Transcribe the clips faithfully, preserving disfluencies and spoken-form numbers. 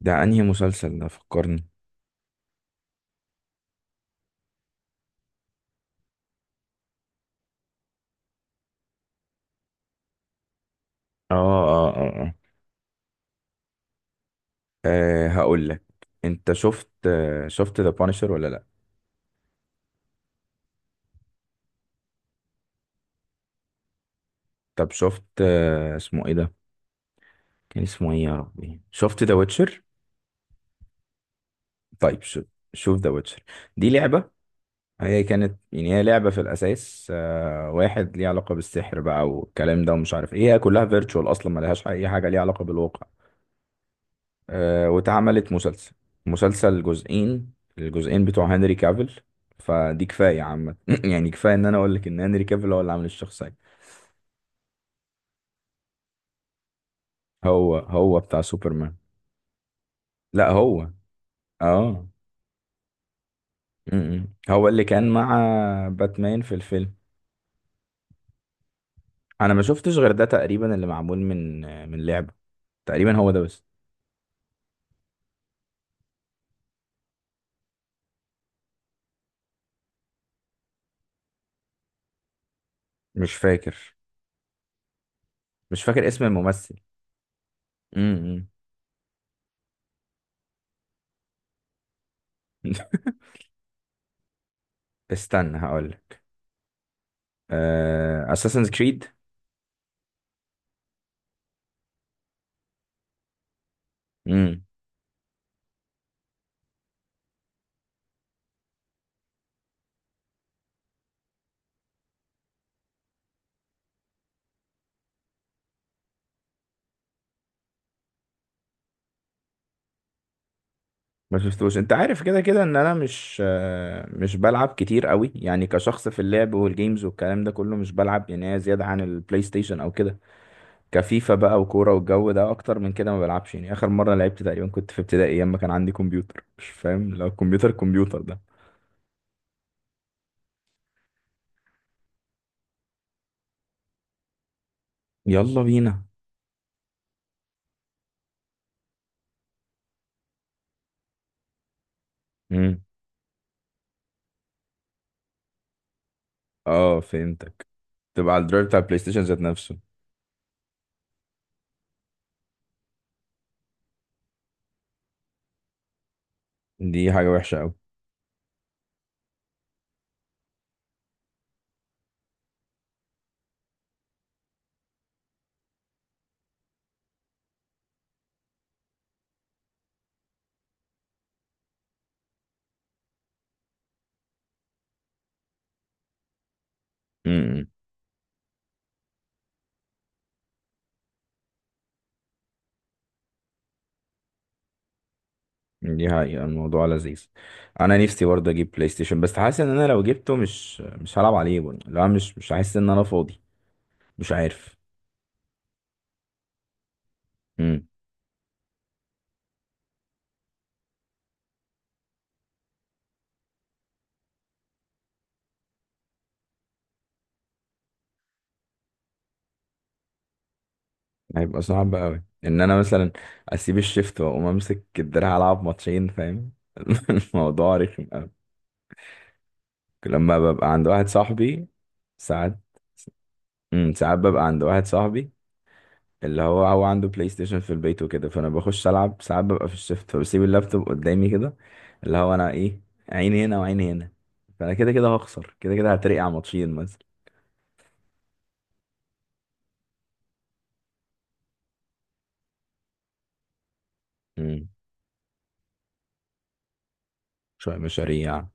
ده انهي مسلسل ده؟ فكرني. اه اه اه اه, آه هقول لك. انت شفت آه شفت ذا بانشر ولا لا؟ طب شفت، آه اسمه ايه ده؟ كان اسمه ايه يا ربي؟ شفت ذا ويتشر؟ طيب شوف، شوف ذا ويتشر، دي لعبة. هي كانت يعني هي لعبة في الأساس، آه واحد ليه علاقة بالسحر بقى والكلام ده ومش عارف ايه، هي كلها فيرتشوال أصلا، ملهاش أي حاجة ليها علاقة بالواقع. آه، واتعملت مسلسل، مسلسل جزئين، الجزئين بتوع هنري كافيل. فدي كفاية عامة يعني كفاية ان انا اقول لك ان هنري كافيل هو اللي عامل الشخصية. هو هو بتاع سوبرمان. لا هو. اه. م-م. هو اللي كان مع باتمان في الفيلم. انا ما شفتش غير ده تقريبا اللي معمول من من لعبة. تقريبا هو ده بس. مش فاكر، مش فاكر اسم الممثل. م-م. استنى هقول لك: اساسنز كريد. ما شفتوش. انت عارف كده كده ان انا مش، آه، مش بلعب كتير قوي يعني. كشخص في اللعب والجيمز والكلام ده كله مش بلعب يعني، هي زيادة عن البلاي ستيشن او كده، كفيفا بقى وكورة والجو ده اكتر من كده ما بلعبش يعني. اخر مرة لعبت تقريبا كنت في ابتدائي ايام ما كان عندي كمبيوتر، مش فاهم لو كمبيوتر، كمبيوتر ده. يلا بينا. امم. اه، فهمتك، تبقى على الدرايف بتاع البلاي ستيشن ذات نفسه. دي حاجة وحشة قوي. دي حقيقة الموضوع لذيذ. انا نفسي برضه اجيب بلاي ستيشن، بس حاسس ان انا لو جبته مش، مش هلعب عليه برضه. لا، مش، مش هحس ان انا فاضي. مش عارف. امم. هيبقى صعب قوي ان انا مثلا اسيب الشيفت واقوم امسك الدراع العب ماتشين، فاهم؟ الموضوع رخم قوي. لما ببقى عند واحد صاحبي. ساعات. امم، ساعات ببقى عند واحد صاحبي اللي هو هو عنده بلاي ستيشن في البيت وكده، فانا بخش العب. ساعات ببقى في الشفت فبسيب اللابتوب قدامي كده، اللي هو انا ايه، عيني هنا وعيني هنا. فانا كده كده هخسر، كده كده هترقع ماتشين مثلا. امم. شويه مشاريع.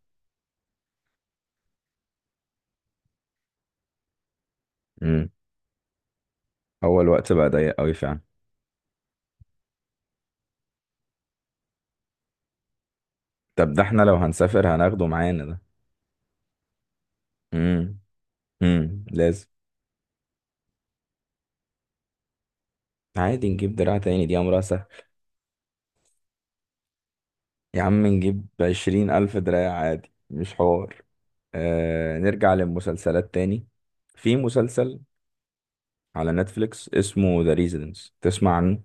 امم. هو الوقت بقى ضيق قوي فعلا. طب ده احنا لو هنسافر هناخده معانا ده. امم. امم، لازم. عادي نجيب دراع تاني، دي امرها سهل. يا عم نجيب عشرين الف دراع عادي، مش حوار. آه، نرجع للمسلسلات تاني. في مسلسل على نتفليكس اسمه ذا ريزيدنس، تسمع عنه؟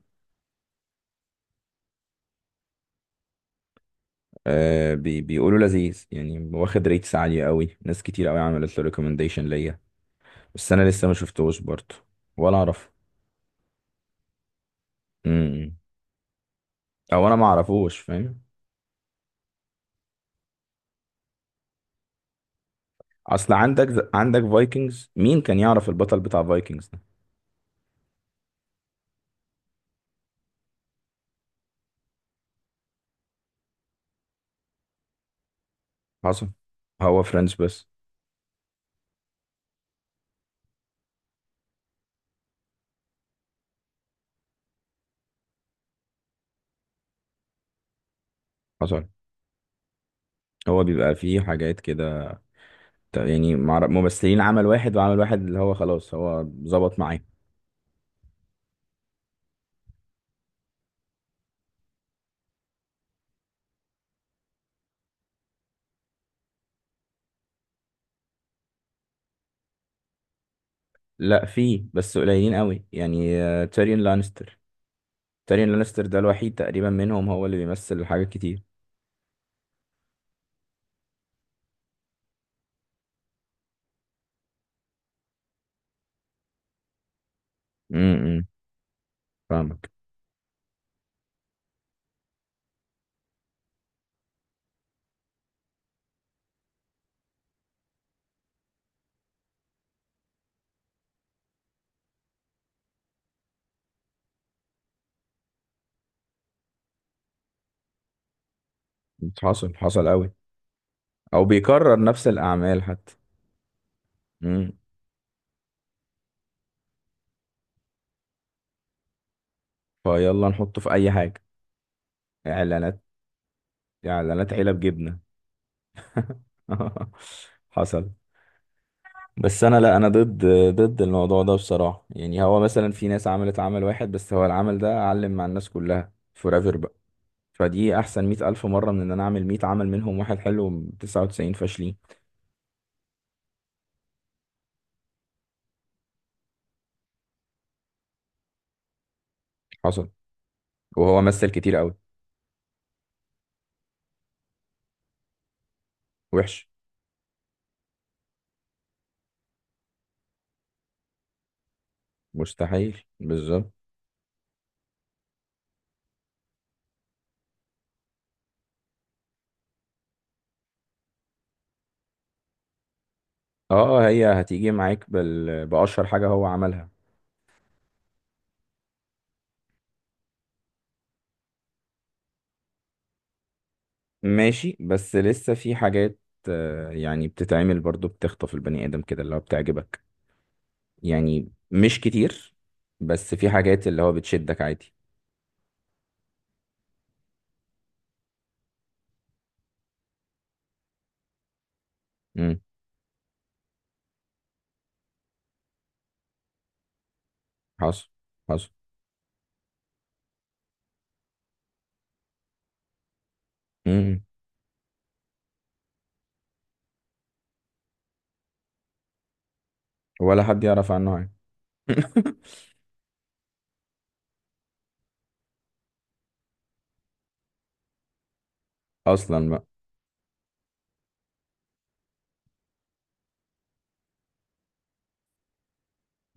آه، بي بيقولوا لذيذ يعني، واخد ريتس عالية قوي، ناس كتير قوي عملت له ريكومنديشن ليا، بس انا لسه ما شفتهوش برضه. ولا اعرف. امم. او انا ما اعرفوش، فاهم؟ اصل عندك، عندك فايكنجز، مين كان يعرف البطل بتاع فايكنجز ده؟ حصل. هو فرنش بس. حصل. هو بيبقى فيه حاجات كده، ت- يعني معر- ممثلين عمل واحد وعمل واحد اللي هو خلاص هو ظبط معاه. لا فيه بس قليلين قوي يعني، آه، تيريون لانستر. تيريون لانستر ده الوحيد تقريبا منهم هو اللي بيمثل حاجات كتير. امم. امم، فاهمك. حصل. حصل قوي. او بيكرر نفس الاعمال حتى. امم. فيلا نحطه في اي حاجه. اعلانات. اعلانات علب جبنه. حصل. بس انا لا، انا ضد، ضد الموضوع ده بصراحه يعني. هو مثلا في ناس عملت عمل واحد بس هو العمل ده علم مع الناس كلها فورايفر بقى. فدي احسن مئة الف مره من ان انا اعمل مية عمل منهم واحد حلو تسعة وتسعين فاشلين. حصل. وهو مثل كتير قوي. وحش. مستحيل. بالظبط. اه، هي هتيجي معاك بال... بأشهر حاجة هو عملها. ماشي، بس لسه في حاجات، آه، يعني بتتعمل برضو بتخطف البني آدم كده اللي هو بتعجبك. يعني مش كتير، بس في حاجات اللي هو بتشدك عادي. امم. حصل. حصل. امم. ولا حد يعرف عنه حاجة. أصلا بقى.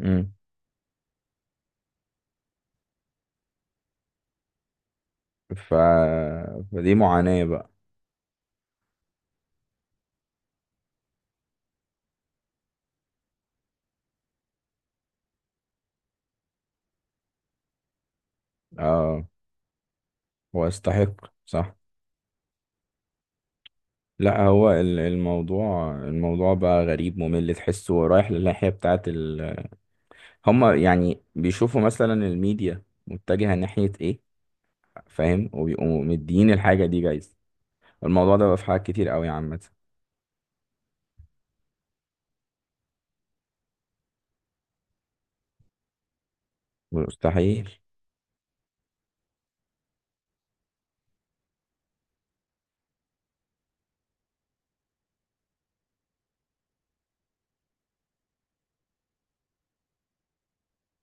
امم. ف... فدي معاناة بقى. اه، هو يستحق، صح. لا، هو ال- الموضوع، الموضوع بقى غريب ممل تحسه رايح للناحية بتاعت ال... هما يعني بيشوفوا مثلا الميديا متجهة ناحية ايه، فاهم، وبيقوموا مديين الحاجة دي جايزة. الموضوع ده بقى في حاجات كتير قوي عامة. مستحيل.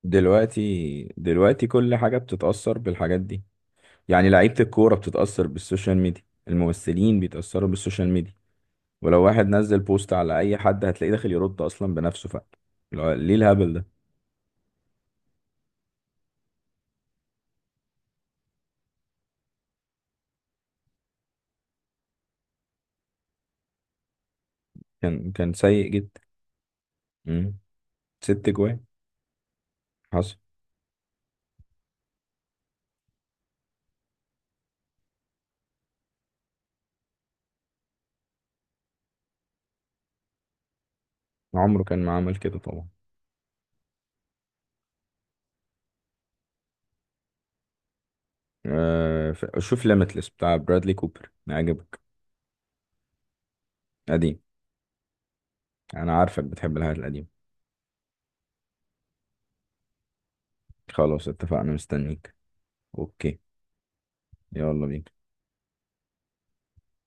دلوقتي، دلوقتي كل حاجة بتتأثر بالحاجات دي. يعني لعيبة الكورة بتتأثر بالسوشيال ميديا، الممثلين بيتأثروا بالسوشيال ميديا، ولو واحد نزل بوست على أي حد هتلاقيه داخل يرد أصلا بنفسه. فعلا ليه الهبل ده؟ كان، كان سيء جدا. مم. ست جوان. حصل. عمره كان ما عمل كده طبعا. آه ف- شوف ليميتلس بتاع برادلي كوبر، عجبك؟ قديم. انا عارفك بتحب الحاجات القديمة. خلاص اتفقنا، مستنيك. اوكي. يلا بينا.